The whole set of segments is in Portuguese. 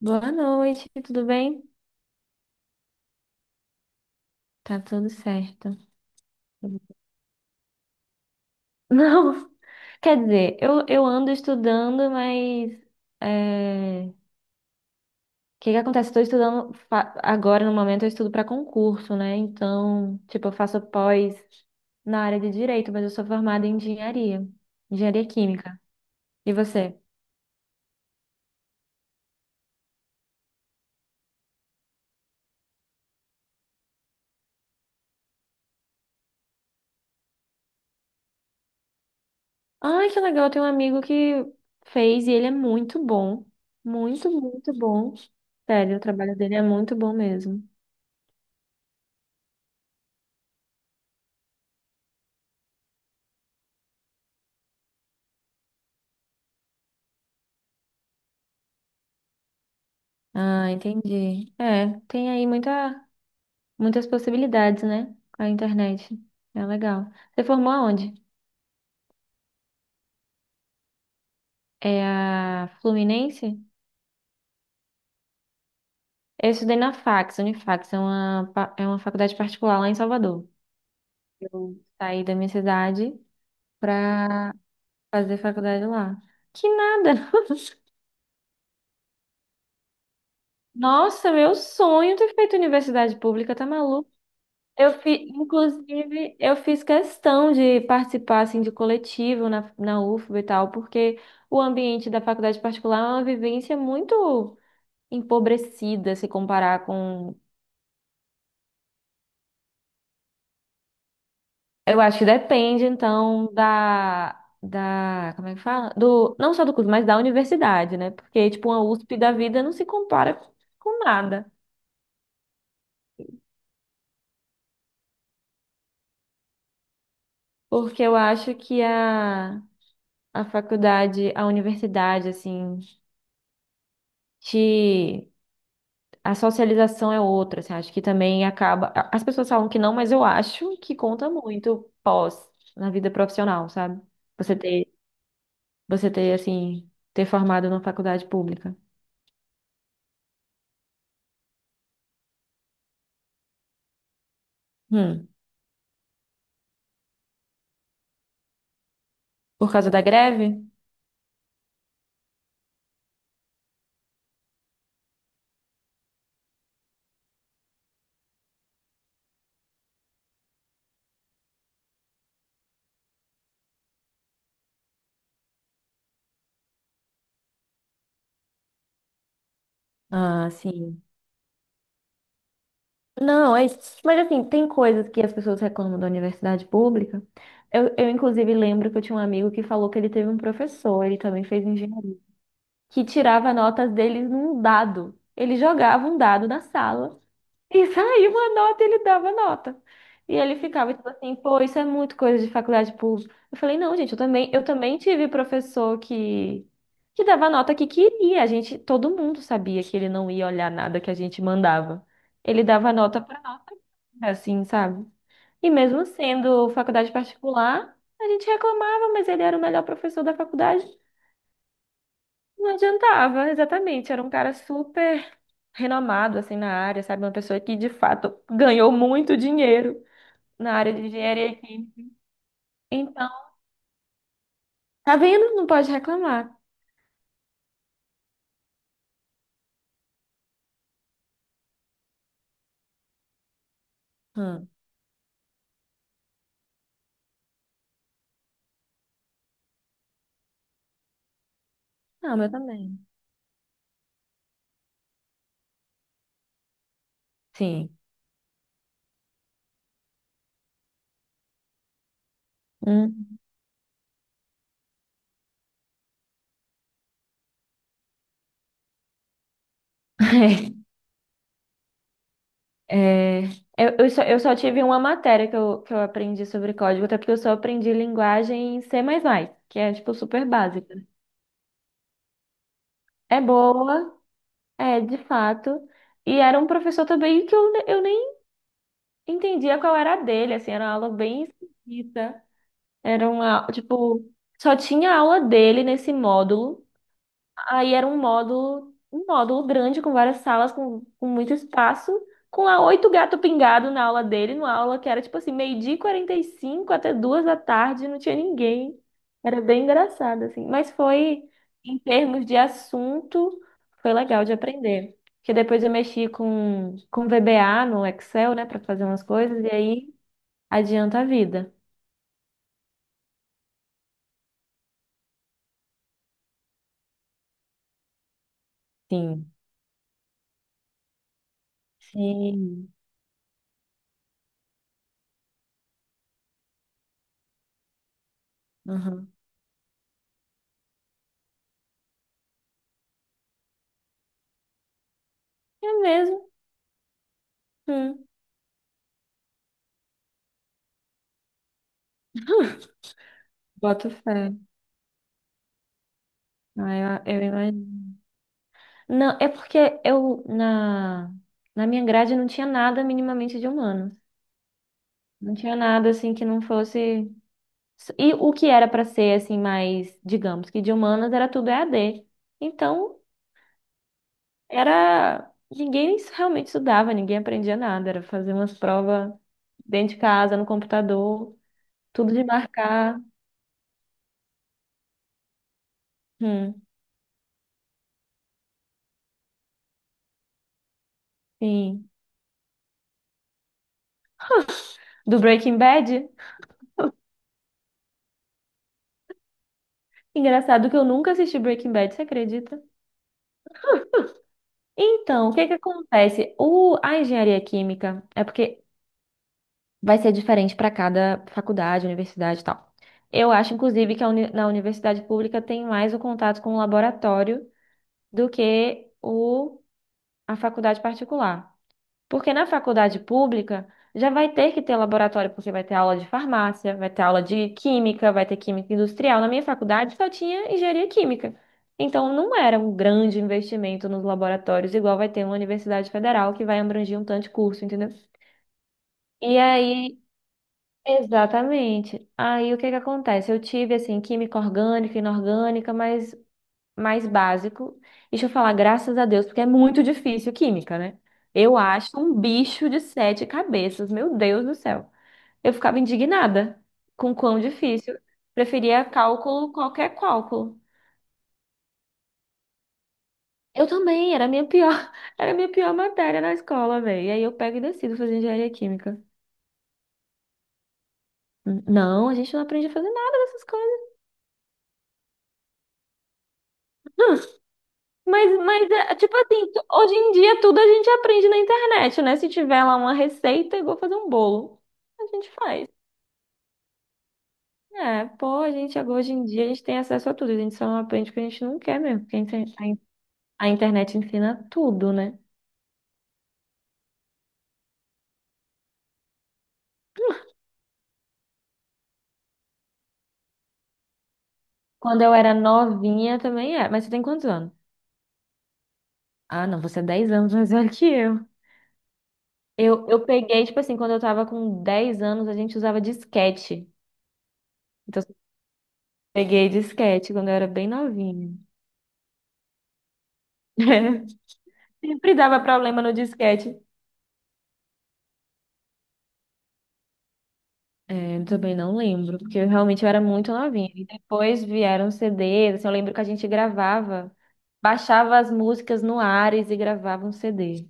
Boa noite, tudo bem? Tá tudo certo. Não, quer dizer, eu ando estudando, mas é, o que que acontece? Estou estudando agora, no momento, eu estudo para concurso, né? Então, tipo, eu faço pós na área de direito, mas eu sou formada em engenharia, engenharia química. E você? Ai, que legal, eu tenho um amigo que fez e ele é muito bom. Muito, muito bom. Sério, o trabalho dele é muito bom mesmo. Ah, entendi. É, tem aí muitas possibilidades, né? Com a internet. É legal. Você formou aonde? É a Fluminense? Eu estudei na Fax, Unifax, é é uma faculdade particular lá em Salvador. Eu saí da minha cidade pra fazer faculdade lá. Que nada! Nossa, meu sonho ter feito universidade pública, tá maluco. Inclusive, eu fiz questão de participar assim, de coletivo na UFBA e tal, porque o ambiente da faculdade particular é uma vivência muito empobrecida se comparar com. Eu acho que depende, então, como é que fala? Não só do curso, mas da universidade, né? Porque, tipo, uma USP da vida não se compara com nada. Porque eu acho que a faculdade, a universidade, assim, te. A socialização é outra, assim, acho que também As pessoas falam que não, mas eu acho que conta muito pós na vida profissional, sabe? Você ter, você ter assim, ter formado na faculdade pública. Hum, por causa da greve? Ah, sim. Não, é, isso. Mas assim, tem coisas que as pessoas reclamam da universidade pública. Eu inclusive, lembro que eu tinha um amigo que falou que ele teve um professor, ele também fez engenharia, que tirava notas deles num dado. Ele jogava um dado na sala. E saía uma nota, ele dava nota. E ele ficava tipo assim, pô, isso é muito coisa de faculdade pública. Eu falei, não, gente, eu também tive professor que dava nota que queria. A gente, todo mundo sabia que ele não ia olhar nada que a gente mandava. Ele dava nota pra nota, assim, sabe? E mesmo sendo faculdade particular, a gente reclamava, mas ele era o melhor professor da faculdade. Não adiantava, exatamente. Era um cara super renomado assim na área, sabe? Uma pessoa que de fato ganhou muito dinheiro na área de engenharia aqui. Então, tá vendo? Não pode reclamar. Hum. Não, meu também. Sim. Hum. É, eu só tive uma matéria que eu aprendi sobre código, até porque eu só aprendi linguagem em C++, que é, tipo, super básica. É boa, é, de fato. E era um professor também eu nem entendia qual era a dele, assim, era uma aula bem esquisita. Era uma, tipo, só tinha aula dele nesse módulo. Aí era um módulo grande com várias salas, com muito espaço, com lá 8 gato pingado na aula dele, numa aula que era tipo assim, meio-dia e 45 até duas da tarde, não tinha ninguém. Era bem engraçado, assim. Mas foi, em termos de assunto, foi legal de aprender. Porque depois eu mexi com VBA no Excel, né, para fazer umas coisas, e aí adianta a vida. Sim. Sim. Aham. É mesmo? Hum. Boto fé. Ah, eu imagino. Não, é porque na minha grade não tinha nada minimamente de humano. Não tinha nada assim que não fosse. E o que era pra ser assim mais, digamos que de humanas era tudo EAD. Então, era ninguém realmente estudava, ninguém aprendia nada, era fazer umas provas dentro de casa, no computador, tudo de marcar. Hum, sim. Do Breaking Bad? Engraçado que eu nunca assisti Breaking Bad, você acredita? Então, o que que acontece? A engenharia química é porque vai ser diferente para cada faculdade, universidade e tal. Eu acho, inclusive, que na universidade pública tem mais o contato com o laboratório do que a faculdade particular. Porque na faculdade pública já vai ter que ter laboratório, porque vai ter aula de farmácia, vai ter aula de química, vai ter química industrial. Na minha faculdade só tinha engenharia química. Então não era um grande investimento nos laboratórios, igual vai ter uma universidade federal que vai abranger um tanto de curso, entendeu? E aí, exatamente. Aí o que que acontece? Eu tive assim química orgânica, inorgânica, mas mais básico. Deixa eu falar, graças a Deus, porque é muito difícil química, né? Eu acho um bicho de sete cabeças, meu Deus do céu. Eu ficava indignada com o quão difícil. Preferia cálculo, qualquer cálculo. Eu também, era a minha pior, era a minha pior matéria na escola, velho. E aí eu pego e decido fazer engenharia química. Não, a gente não aprende a fazer nada dessas coisas. Mas é, tipo assim, hoje em dia tudo a gente aprende na internet, né? Se tiver lá uma receita, é igual fazer um bolo, a gente faz. É, pô, hoje em dia a gente tem acesso a tudo, a gente só não aprende o que a gente não quer mesmo, porque a internet ensina tudo, né? Quando eu era novinha também é, mas você tem quantos anos? Ah, não, você é 10 anos mais velho que eu. Eu peguei, tipo assim, quando eu tava com 10 anos, a gente usava disquete. Então, eu peguei disquete quando eu era bem novinha. Sempre dava problema no disquete. É, eu também não lembro, porque eu realmente era muito novinha. E depois vieram CDs, assim, eu lembro que a gente gravava, baixava as músicas no Ares e gravava um CD.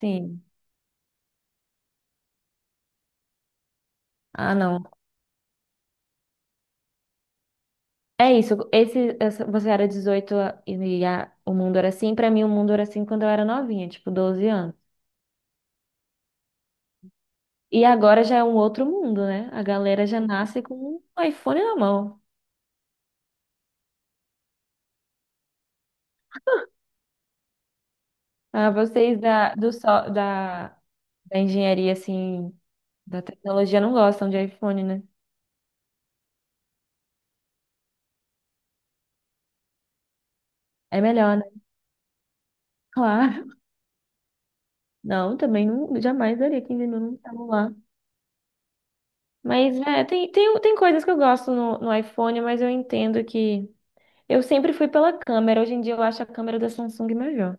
Sim. Ah, não. É isso. Você era 18 a- e a- o mundo era assim. Pra mim, o mundo era assim quando eu era novinha, tipo 12 anos. E agora já é um outro mundo, né? A galera já nasce com um iPhone na mão. Ah, vocês da engenharia, assim. Da tecnologia não gostam de iPhone, né? É melhor, né? Claro. Não, também não, jamais daria 15 mil num celular. Mas, é, tem coisas que eu gosto no iPhone, mas eu entendo que. Eu sempre fui pela câmera. Hoje em dia eu acho a câmera da Samsung melhor.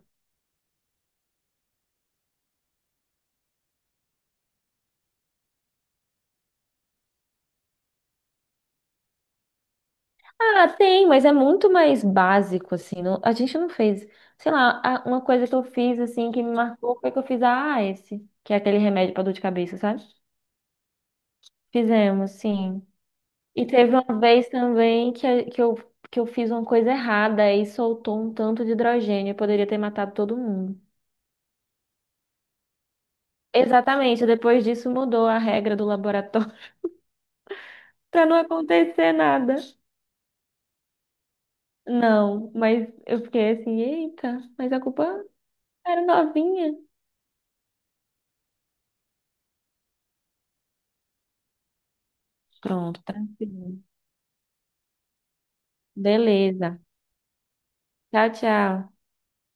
Ah, tem, mas é muito mais básico, assim. A gente não fez. Sei lá, uma coisa que eu fiz, assim, que me marcou foi que eu fiz a AS, que é aquele remédio pra dor de cabeça, sabe? Fizemos, sim. E teve uma vez também que eu fiz uma coisa errada e soltou um tanto de hidrogênio. Eu poderia ter matado todo mundo. Exatamente, depois disso mudou a regra do laboratório para não acontecer nada. Não, mas eu fiquei assim, eita, mas a culpa era novinha. Pronto, tranquilo. Beleza. Tchau, tchau.